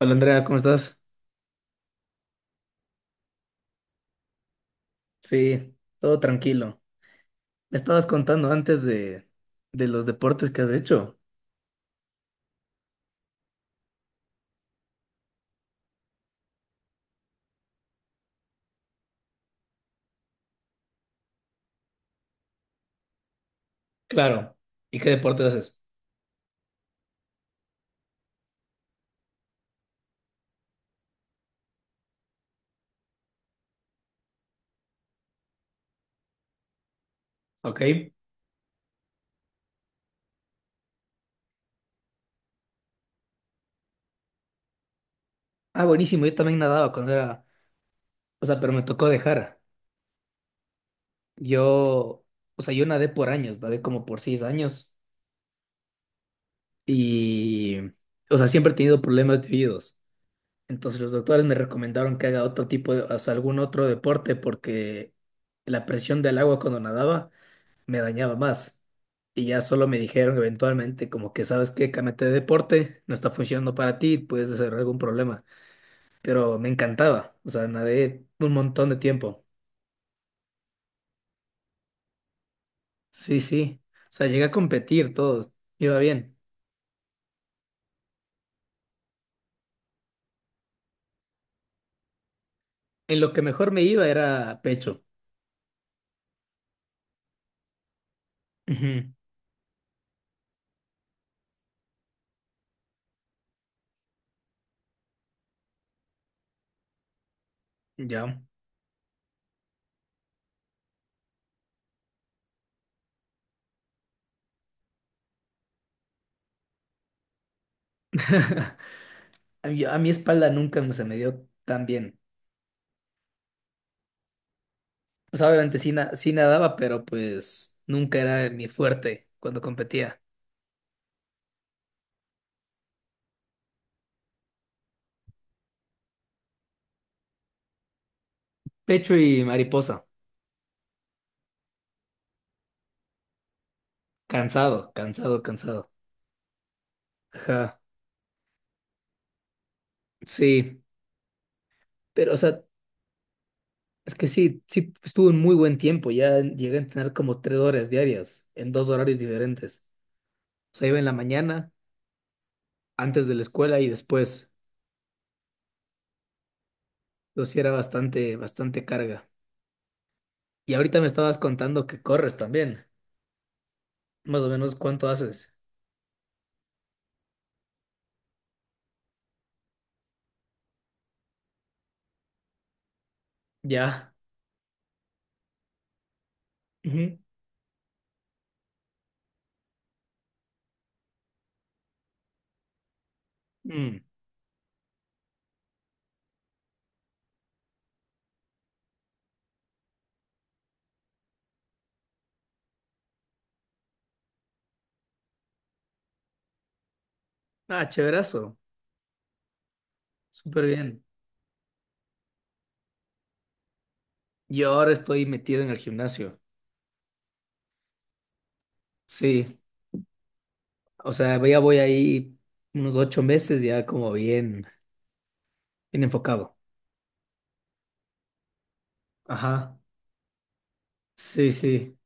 Hola Andrea, ¿cómo estás? Sí, todo tranquilo. Me estabas contando antes de los deportes que has hecho. Claro. ¿Y qué deporte haces? Ok. Ah, buenísimo, yo también nadaba cuando era, o sea, pero me tocó dejar. Yo, o sea, yo nadé por años, nadé como por 6 años y, o sea, siempre he tenido problemas de oídos. Entonces los doctores me recomendaron que haga otro tipo de, o sea, algún otro deporte porque la presión del agua cuando nadaba me dañaba más. Y ya solo me dijeron eventualmente como que sabes qué, cámbiate de deporte, no está funcionando para ti, puedes desarrollar algún problema. Pero me encantaba, o sea, nadé un montón de tiempo. Sí, sí, o sea, llegué a competir, todo iba bien. En lo que mejor me iba era pecho. Ujú. Ya. A mi espalda nunca se me dio tan bien. O sea, obviamente sí, sí nadaba, pero pues nunca era mi fuerte cuando competía. Pecho y mariposa. Cansado, cansado, cansado. Ajá, sí, pero o sea, es que sí, sí, estuve en muy buen tiempo, ya llegué a tener como 3 horas diarias, en dos horarios diferentes. O sea, iba en la mañana, antes de la escuela y después. Entonces sí era bastante, bastante carga. Y ahorita me estabas contando que corres también. Más o menos, ¿cuánto haces? Ya. Ujú. Mm. Ah, chéverazo. Súper bien. Yo ahora estoy metido en el gimnasio. Sí. O sea, ya voy ahí unos 8 meses ya como bien, bien enfocado. Ajá. Sí, sí.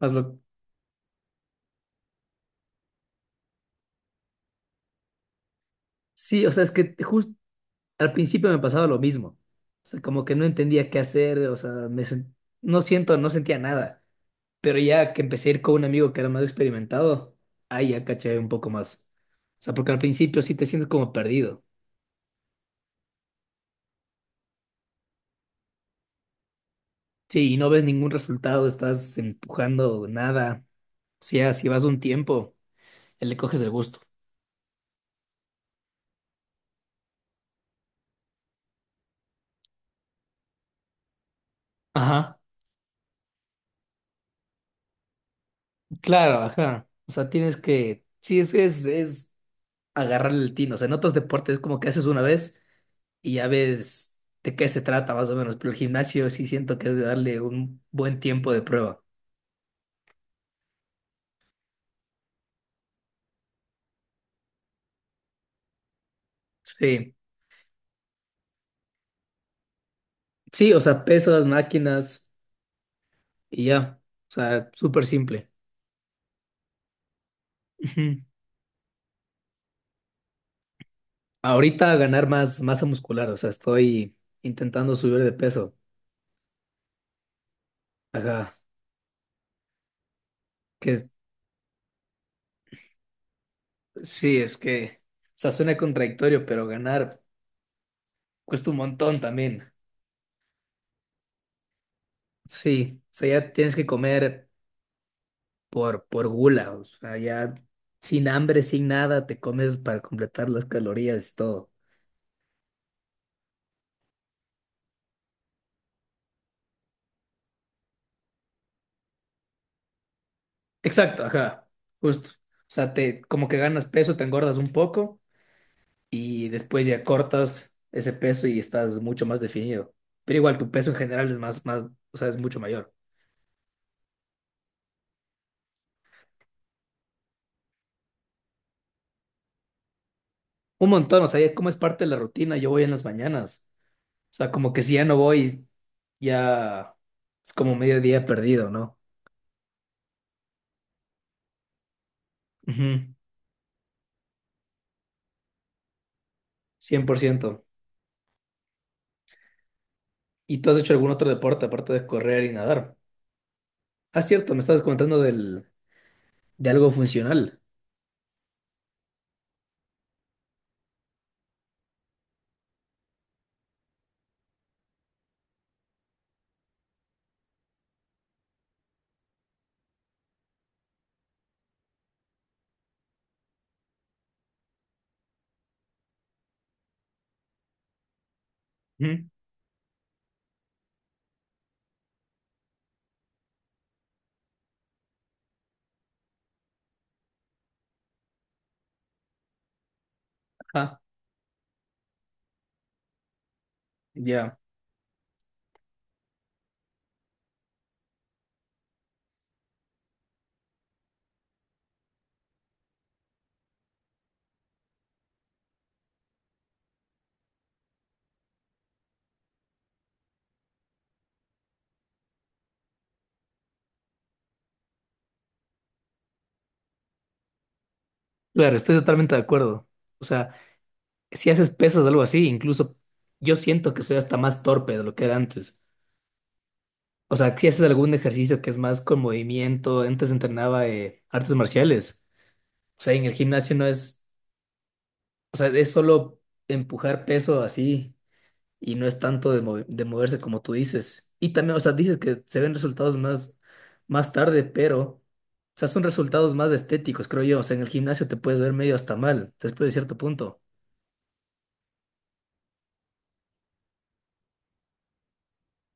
Hazlo. Sí, o sea, es que justo al principio me pasaba lo mismo. O sea, como que no entendía qué hacer, o sea, no siento, no sentía nada. Pero ya que empecé a ir con un amigo que era más experimentado, ahí ya caché un poco más. O sea, porque al principio sí te sientes como perdido. Sí, y no ves ningún resultado, estás empujando nada. O sea, si vas un tiempo, le coges el gusto. Ajá. Claro, ajá. O sea, tienes que, sí, es agarrarle el tino. O sea, en otros deportes es como que haces una vez y ya ves de qué se trata más o menos, pero el gimnasio sí siento que es de darle un buen tiempo de prueba. Sí, sí, o sea, pesas, máquinas y ya. O sea, súper simple. Ujú. Ahorita ganar más masa muscular, o sea, estoy intentando subir de peso. Ajá, que es- sí, es que, o sea, suena contradictorio, pero ganar cuesta un montón también. Sí, o sea, ya tienes que comer por gula, o sea, ya sin hambre, sin nada, te comes para completar las calorías y todo. Exacto, ajá, justo. O sea, te, como que ganas peso, te engordas un poco y después ya cortas ese peso y estás mucho más definido. Pero igual tu peso en general es más, más, o sea, es mucho mayor. Un montón, o sea, ya como es parte de la rutina, yo voy en las mañanas. O sea, como que si ya no voy, ya es como mediodía perdido, ¿no? Ujú. 100%. ¿Y tú has hecho algún otro deporte aparte de correr y nadar? Ah, cierto, me estabas contando del, de algo funcional. Ujú. Ah, ya. Claro, estoy totalmente de acuerdo. O sea, si haces pesas o algo así, incluso yo siento que soy hasta más torpe de lo que era antes. O sea, si haces algún ejercicio que es más con movimiento, antes entrenaba artes marciales. O sea, en el gimnasio no es, o sea, es solo empujar peso así. Y no es tanto de moverse como tú dices. Y también, o sea, dices que se ven resultados más tarde, pero, o sea, son resultados más estéticos, creo yo. O sea, en el gimnasio te puedes ver medio hasta mal, después de cierto punto.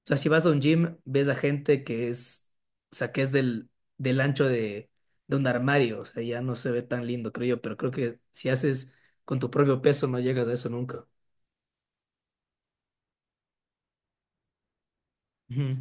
O sea, si vas a un gym, ves a gente que es, o sea, que es del ancho de un armario, o sea, ya no se ve tan lindo, creo yo, pero creo que si haces con tu propio peso no llegas a eso nunca. Ujú.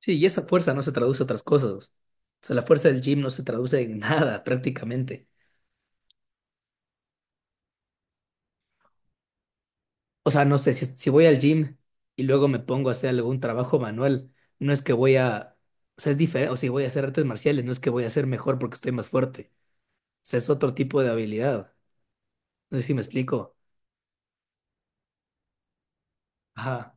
Sí, y esa fuerza no se traduce a otras cosas. O sea, la fuerza del gym no se traduce en nada prácticamente. O sea, no sé, si voy al gym y luego me pongo a hacer algún trabajo manual, no es que voy a, o sea, es diferente, o si voy a hacer artes marciales, no es que voy a ser mejor porque estoy más fuerte. O sea, es otro tipo de habilidad. No sé si me explico. Ajá,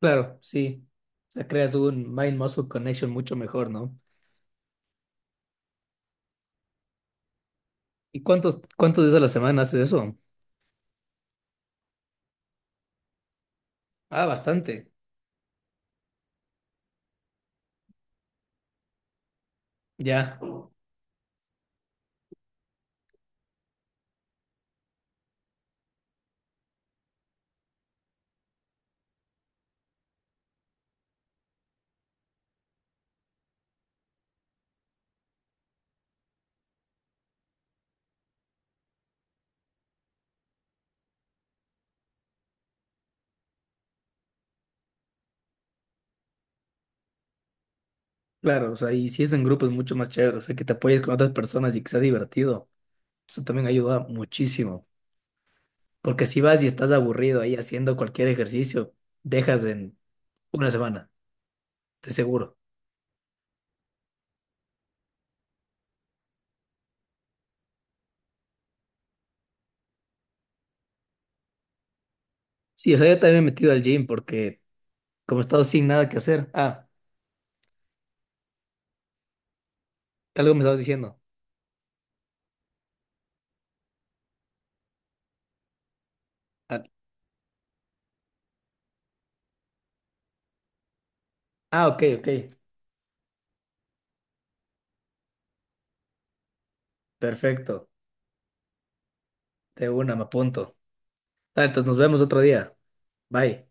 claro, sí. O sea, creas un mind-muscle connection mucho mejor, ¿no? ¿Y cuántos días a la semana haces eso? Ah, bastante. Ya, claro, o sea, y si es en grupo es mucho más chévere, o sea, que te apoyes con otras personas y que sea divertido. Eso también ayuda muchísimo. Porque si vas y estás aburrido ahí haciendo cualquier ejercicio, dejas en una semana, de seguro. Sí, o sea, yo también me he metido al gym porque como he estado sin nada que hacer. Ah, algo me estabas diciendo. Ah, ah, ok, ok. Perfecto. De una, me apunto. Ah, entonces nos vemos otro día. Bye.